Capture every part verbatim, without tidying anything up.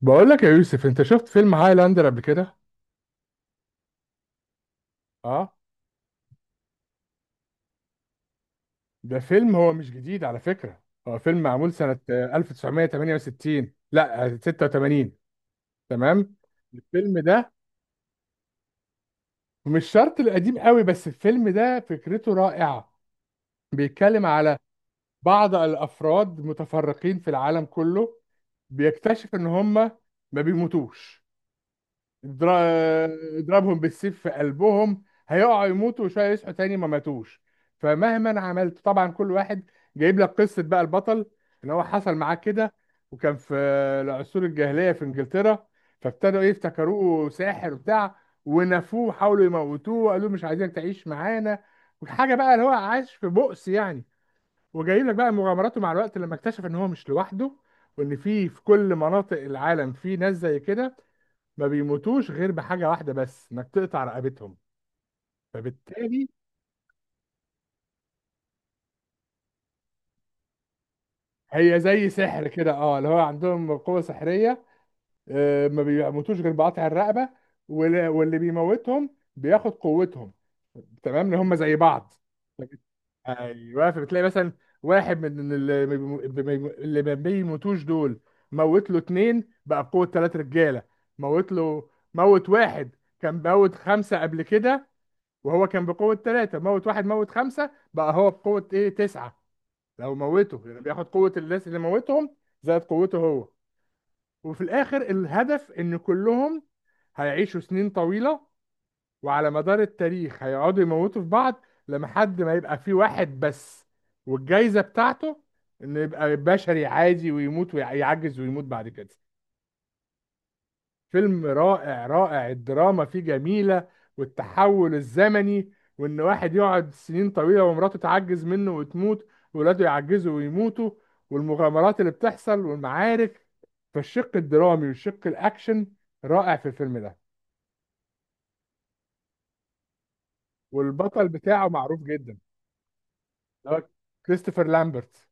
بقول لك يا يوسف، انت شفت فيلم هايلاندر قبل كده؟ اه، ده فيلم. هو مش جديد على فكرة، هو فيلم معمول سنة آه، ألف وتسعمية وتمانية وستين، لا آه، ستة وتمانين. تمام. الفيلم ده مش شرط القديم قوي، بس الفيلم ده فكرته رائعة. بيتكلم على بعض الافراد متفرقين في العالم كله. بيكتشف ان هم ما بيموتوش. اضرا- اضربهم بالسيف في قلبهم هيقعوا يموتوا، وشويه يصحوا تاني ما ماتوش. فمهما عملت طبعا كل واحد. جايب لك قصه بقى البطل ان هو حصل معاه كده. وكان في العصور الجاهليه في انجلترا، فابتدوا ايه، افتكروه ساحر وبتاع، ونفوه وحاولوا يموتوه وقالوا له مش عايزينك تعيش معانا. وحاجه بقى، اللي هو عايش في بؤس يعني. وجايب لك بقى مغامراته مع الوقت لما اكتشف ان هو مش لوحده، وان في في كل مناطق العالم في ناس زي كده، ما بيموتوش غير بحاجة واحدة بس، انك تقطع رقبتهم. فبالتالي هي زي سحر كده، اه، اللي هو عندهم قوة سحرية. آه، ما بيموتوش غير بقطع الرقبة. وال- واللي بيموتهم بياخد قوتهم، تمام، ان هم زي بعض. ايوه، فبتلاقي مثلا واحد من اللي ما بيمو- بيمو- اللي ما بيموتوش دول، موت له اتنين بقى بقوة تلات رجالة. موت له، موت واحد كان موت خمسة قبل كده، وهو كان بقوة ثلاثة، موت واحد موت خمسة، بقى هو بقوة ايه، تسعة. لو موته يعني بياخد قوة الناس اللي موتهم زائد قوته هو. وفي الآخر الهدف إن كلهم هيعيشوا سنين طويلة، وعلى مدار التاريخ هيقعدوا يموتوا في بعض لحد ما يبقى في واحد بس. والجايزة بتاعته إنه يبقى بشري عادي ويموت ويعجز ويموت بعد كده. فيلم رائع رائع. الدراما فيه جميلة، والتحول الزمني، وإن واحد يقعد سنين طويلة ومراته تعجز منه وتموت وولاده يعجزوا ويموتوا، والمغامرات اللي بتحصل والمعارك. فالشق الدرامي والشق الأكشن رائع في الفيلم ده. والبطل بتاعه معروف جدا، اللي هو كريستوفر لامبرت،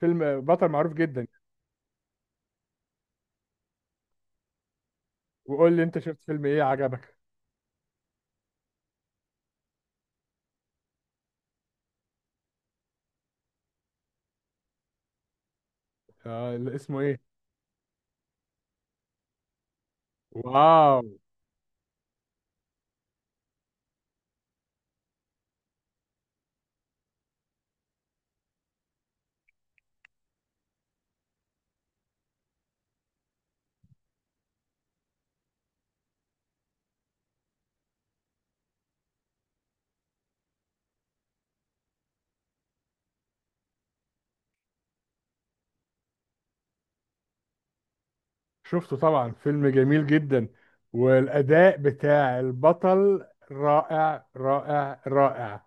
فيلم بطل معروف جدا. وقول لي أنت، شفت فيلم إيه عجبك؟ آه، اللي اسمه إيه. واو. شفته طبعا، فيلم جميل جدا، والأداء بتاع البطل رائع رائع رائع.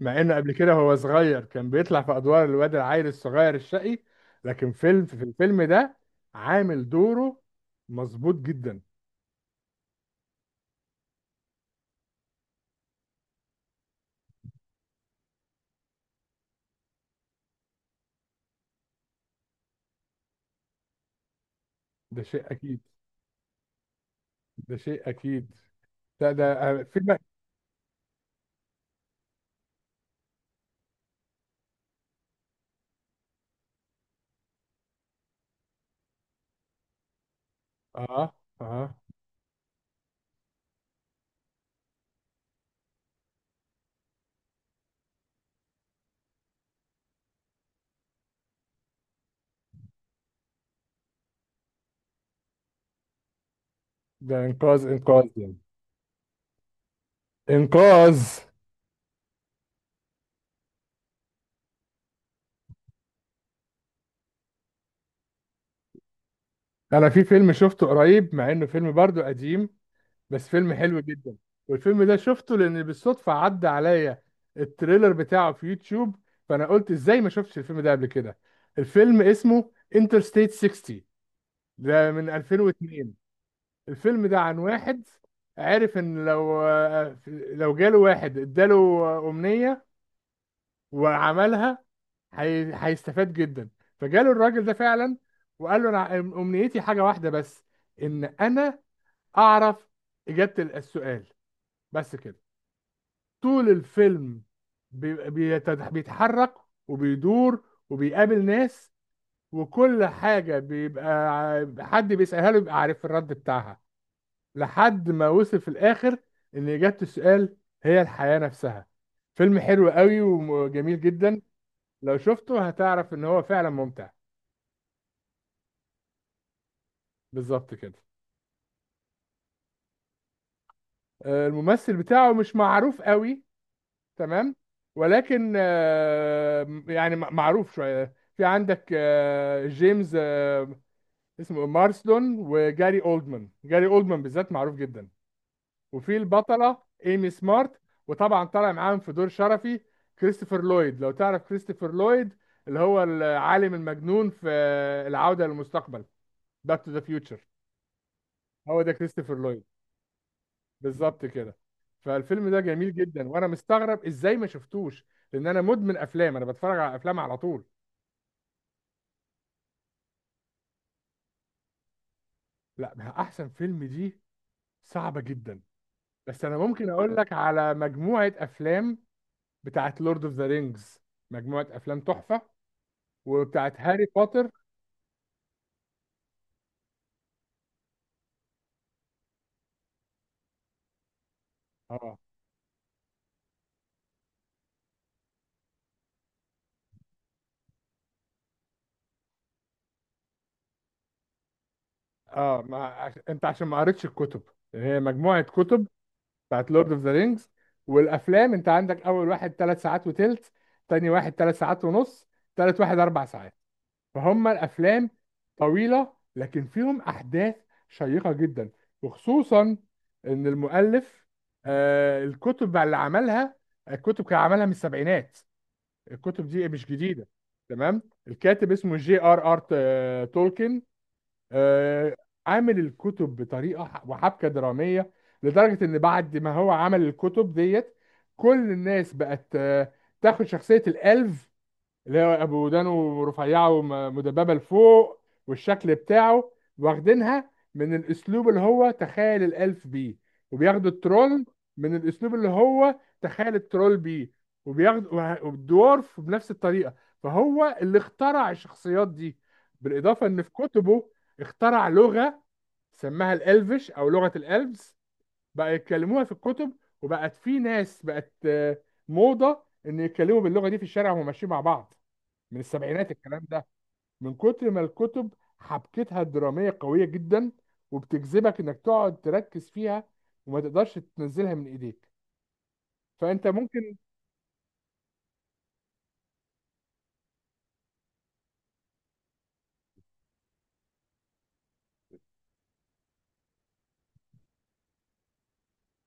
مع إنه قبل كده هو صغير كان بيطلع في أدوار الواد العيل الصغير الشقي، لكن فيلم، في الفيلم ده عامل دوره مظبوط جدا. ده شيء أكيد، ده شيء أكيد. ده ده آه، فيلم. آه آه ده إنقاذ، إنقاذ يعني. إنقاذ. أنا في فيلم شفته قريب، مع إنه فيلم برضه قديم، بس فيلم حلو جدا. والفيلم ده شفته لان بالصدفه عدى عليا التريلر بتاعه في يوتيوب، فانا قلت ازاي ما شفتش الفيلم ده قبل كده. الفيلم اسمه انترستيت ستين، ده من ألفين واتنين. الفيلم ده عن واحد عرف ان لو لو جاله واحد اداله امنيه وعملها، هي- هيستفاد جدا. فجاله الراجل ده فعلا، وقال له انا امنيتي حاجه واحده بس، ان انا اعرف اجابه السؤال، بس كده. طول الفيلم بيبقى بيتد- بيتحرك وبيدور وبيقابل ناس، وكل حاجة بيبقى ع- حد بيسألها له بيبقى عارف الرد بتاعها، لحد ما وصل في الآخر إن إجابة السؤال هي الحياة نفسها. فيلم حلو قوي وجميل جدا، لو شفته هتعرف إن هو فعلا ممتع. بالظبط كده. آه، الممثل بتاعه مش معروف قوي، تمام، ولكن آه، يعني م- معروف شوية، في عندك آه، جيمس، آه، اسمه مارسلون، وجاري اولدمان. جاري اولدمان بالذات معروف جدا. وفي البطلة ايمي سمارت. وطبعا طالع معاهم في دور شرفي كريستوفر لويد، لو تعرف كريستوفر لويد، اللي هو العالم المجنون في العودة للمستقبل، باك تو ذا فيوتشر. هو ده كريستوفر لويد. بالظبط كده. فالفيلم ده جميل جدا، وانا مستغرب ازاي ما شفتوش، لان انا مدمن افلام، انا بتفرج على افلام على طول. لا، احسن فيلم دي صعبة جدا. بس انا ممكن اقول لك على مجموعة افلام، بتاعت لورد اوف ذا رينجز، مجموعه افلام تحفه، وبتاعت هاري بوتر. اه. اه، ما عش... انت عشان ما قريتش الكتب، يعني هي مجموعه كتب بتاعت لورد اوف ذا رينجز. والافلام انت عندك، اول واحد ثلاث ساعات وتلت، تاني واحد ثلاث ساعات ونص، تالت واحد اربع ساعات. فهم الافلام طويله، لكن فيهم احداث شيقه جدا. وخصوصا ان المؤلف، آه، الكتب اللي عملها، الكتب كان عملها من السبعينات، الكتب دي مش جديده. تمام. الكاتب اسمه جي ار ار ت- تولكن، آه، عامل الكتب بطريقه ح- وحبكه دراميه، لدرجه ان بعد ما هو عمل الكتب ديت كل الناس بقت آه، تاخد شخصيه الالف، اللي هو ابو ودانه رفيعه ومدببه لفوق والشكل بتاعه، واخدينها من الاسلوب اللي هو تخيل الالف بيه. وبياخدوا الترول من الاسلوب اللي هو تخيل الترول بيه. وبياخدوا والدورف بنفس الطريقه. فهو اللي اخترع الشخصيات دي. بالاضافه ان في كتبه اخترع لغه، سماها الالفش او لغه الالفز، بقى يتكلموها في الكتب. وبقت في ناس بقت آه، موضه ان يتكلموا باللغه دي في الشارع وهم ماشيين مع بعض، من السبعينات الكلام ده. من كتر ما الكتب حبكتها الدرامية قوية جدا، وبتجذبك انك تقعد تركز فيها وما تقدرش تنزلها من ايديك. فانت ممكن.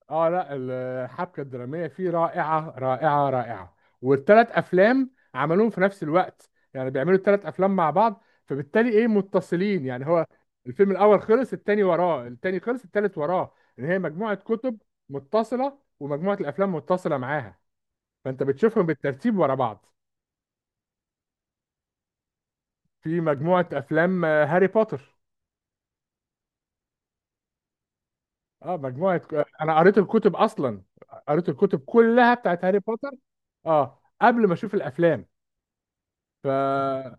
اه، لا، الحبكة الدرامية فيه رائعة رائعة رائعة. والثلاث افلام عملوهم في نفس الوقت، يعني بيعملوا الثلاث افلام مع بعض، فبالتالي ايه، متصلين، يعني هو الفيلم الاول خلص التاني وراه، التاني خلص التالت وراه. ان هي مجموعة كتب متصلة، ومجموعة الافلام متصلة معاها، فانت بتشوفهم بالترتيب ورا بعض. في مجموعة أفلام آه، هاري بوتر. اه، مجموعة، آه، أنا قريت الكتب أصلا. قريت الكتب كلها بتاعت هاري بوتر، اه، قبل ما أشوف الأفلام. ف،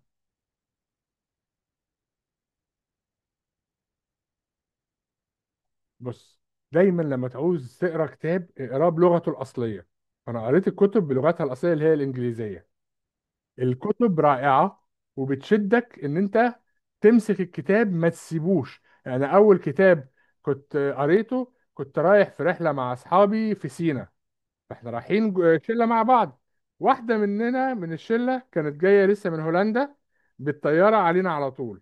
بص، دايما لما تعوز تقرا كتاب اقراه بلغته الأصلية. أنا قريت الكتب بلغتها الأصلية اللي هي الإنجليزية. الكتب رائعة، وبتشدك إن أنت تمسك الكتاب ما تسيبوش. يعني أول كتاب كنت قريته، كنت رايح في رحلة مع أصحابي في سينا، احنا رايحين، جو- شله مع بعض، واحده مننا من الشله كانت جايه لسه من هولندا بالطياره، علينا على طول.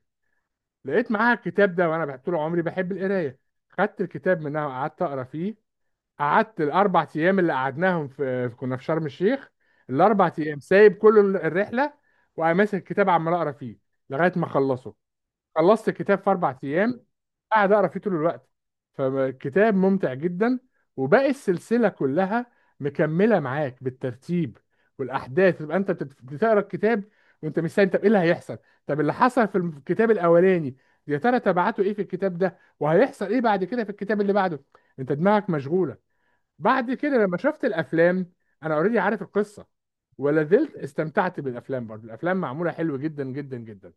لقيت معاها الكتاب ده، وانا بحب- طول عمري بحب القرايه، خدت الكتاب منها وقعدت اقرا فيه. قعدت الاربع ايام اللي قعدناهم في، كنا في شرم الشيخ، الاربع ايام سايب كل الرحله وماسك الكتاب عمال اقرا فيه لغايه ما خلصه. خلصت الكتاب في اربع ايام، قاعد اقرا فيه طول الوقت. فالكتاب ممتع جدا، وباقي السلسله كلها مكمله معاك بالترتيب. والاحداث تبقى انت بتت- بتقرا الكتاب وانت مستني، طب ايه اللي هيحصل؟ طب اللي حصل في الكتاب الاولاني يا ترى تبعته ايه في الكتاب ده؟ وهيحصل ايه بعد كده في الكتاب اللي بعده؟ انت دماغك مشغوله. بعد كده لما شفت الافلام، انا اوريدي عارف القصه، ولا زلت استمتعت بالافلام برضه. الافلام معموله حلو جدا جدا جدا.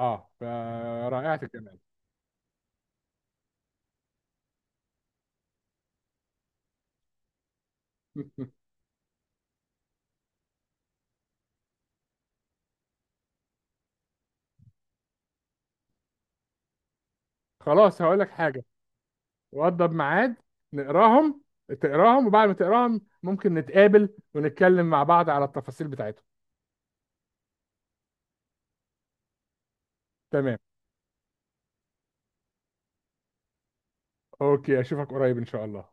اه، فرائعة الجمال. خلاص، هقول لك حاجة، وضب ميعاد. نقراهم، تقراهم، وبعد ما تقراهم ممكن نتقابل ونتكلم مع بعض على التفاصيل بتاعتهم. تمام. اوكي، اشوفك قريب ان شاء الله.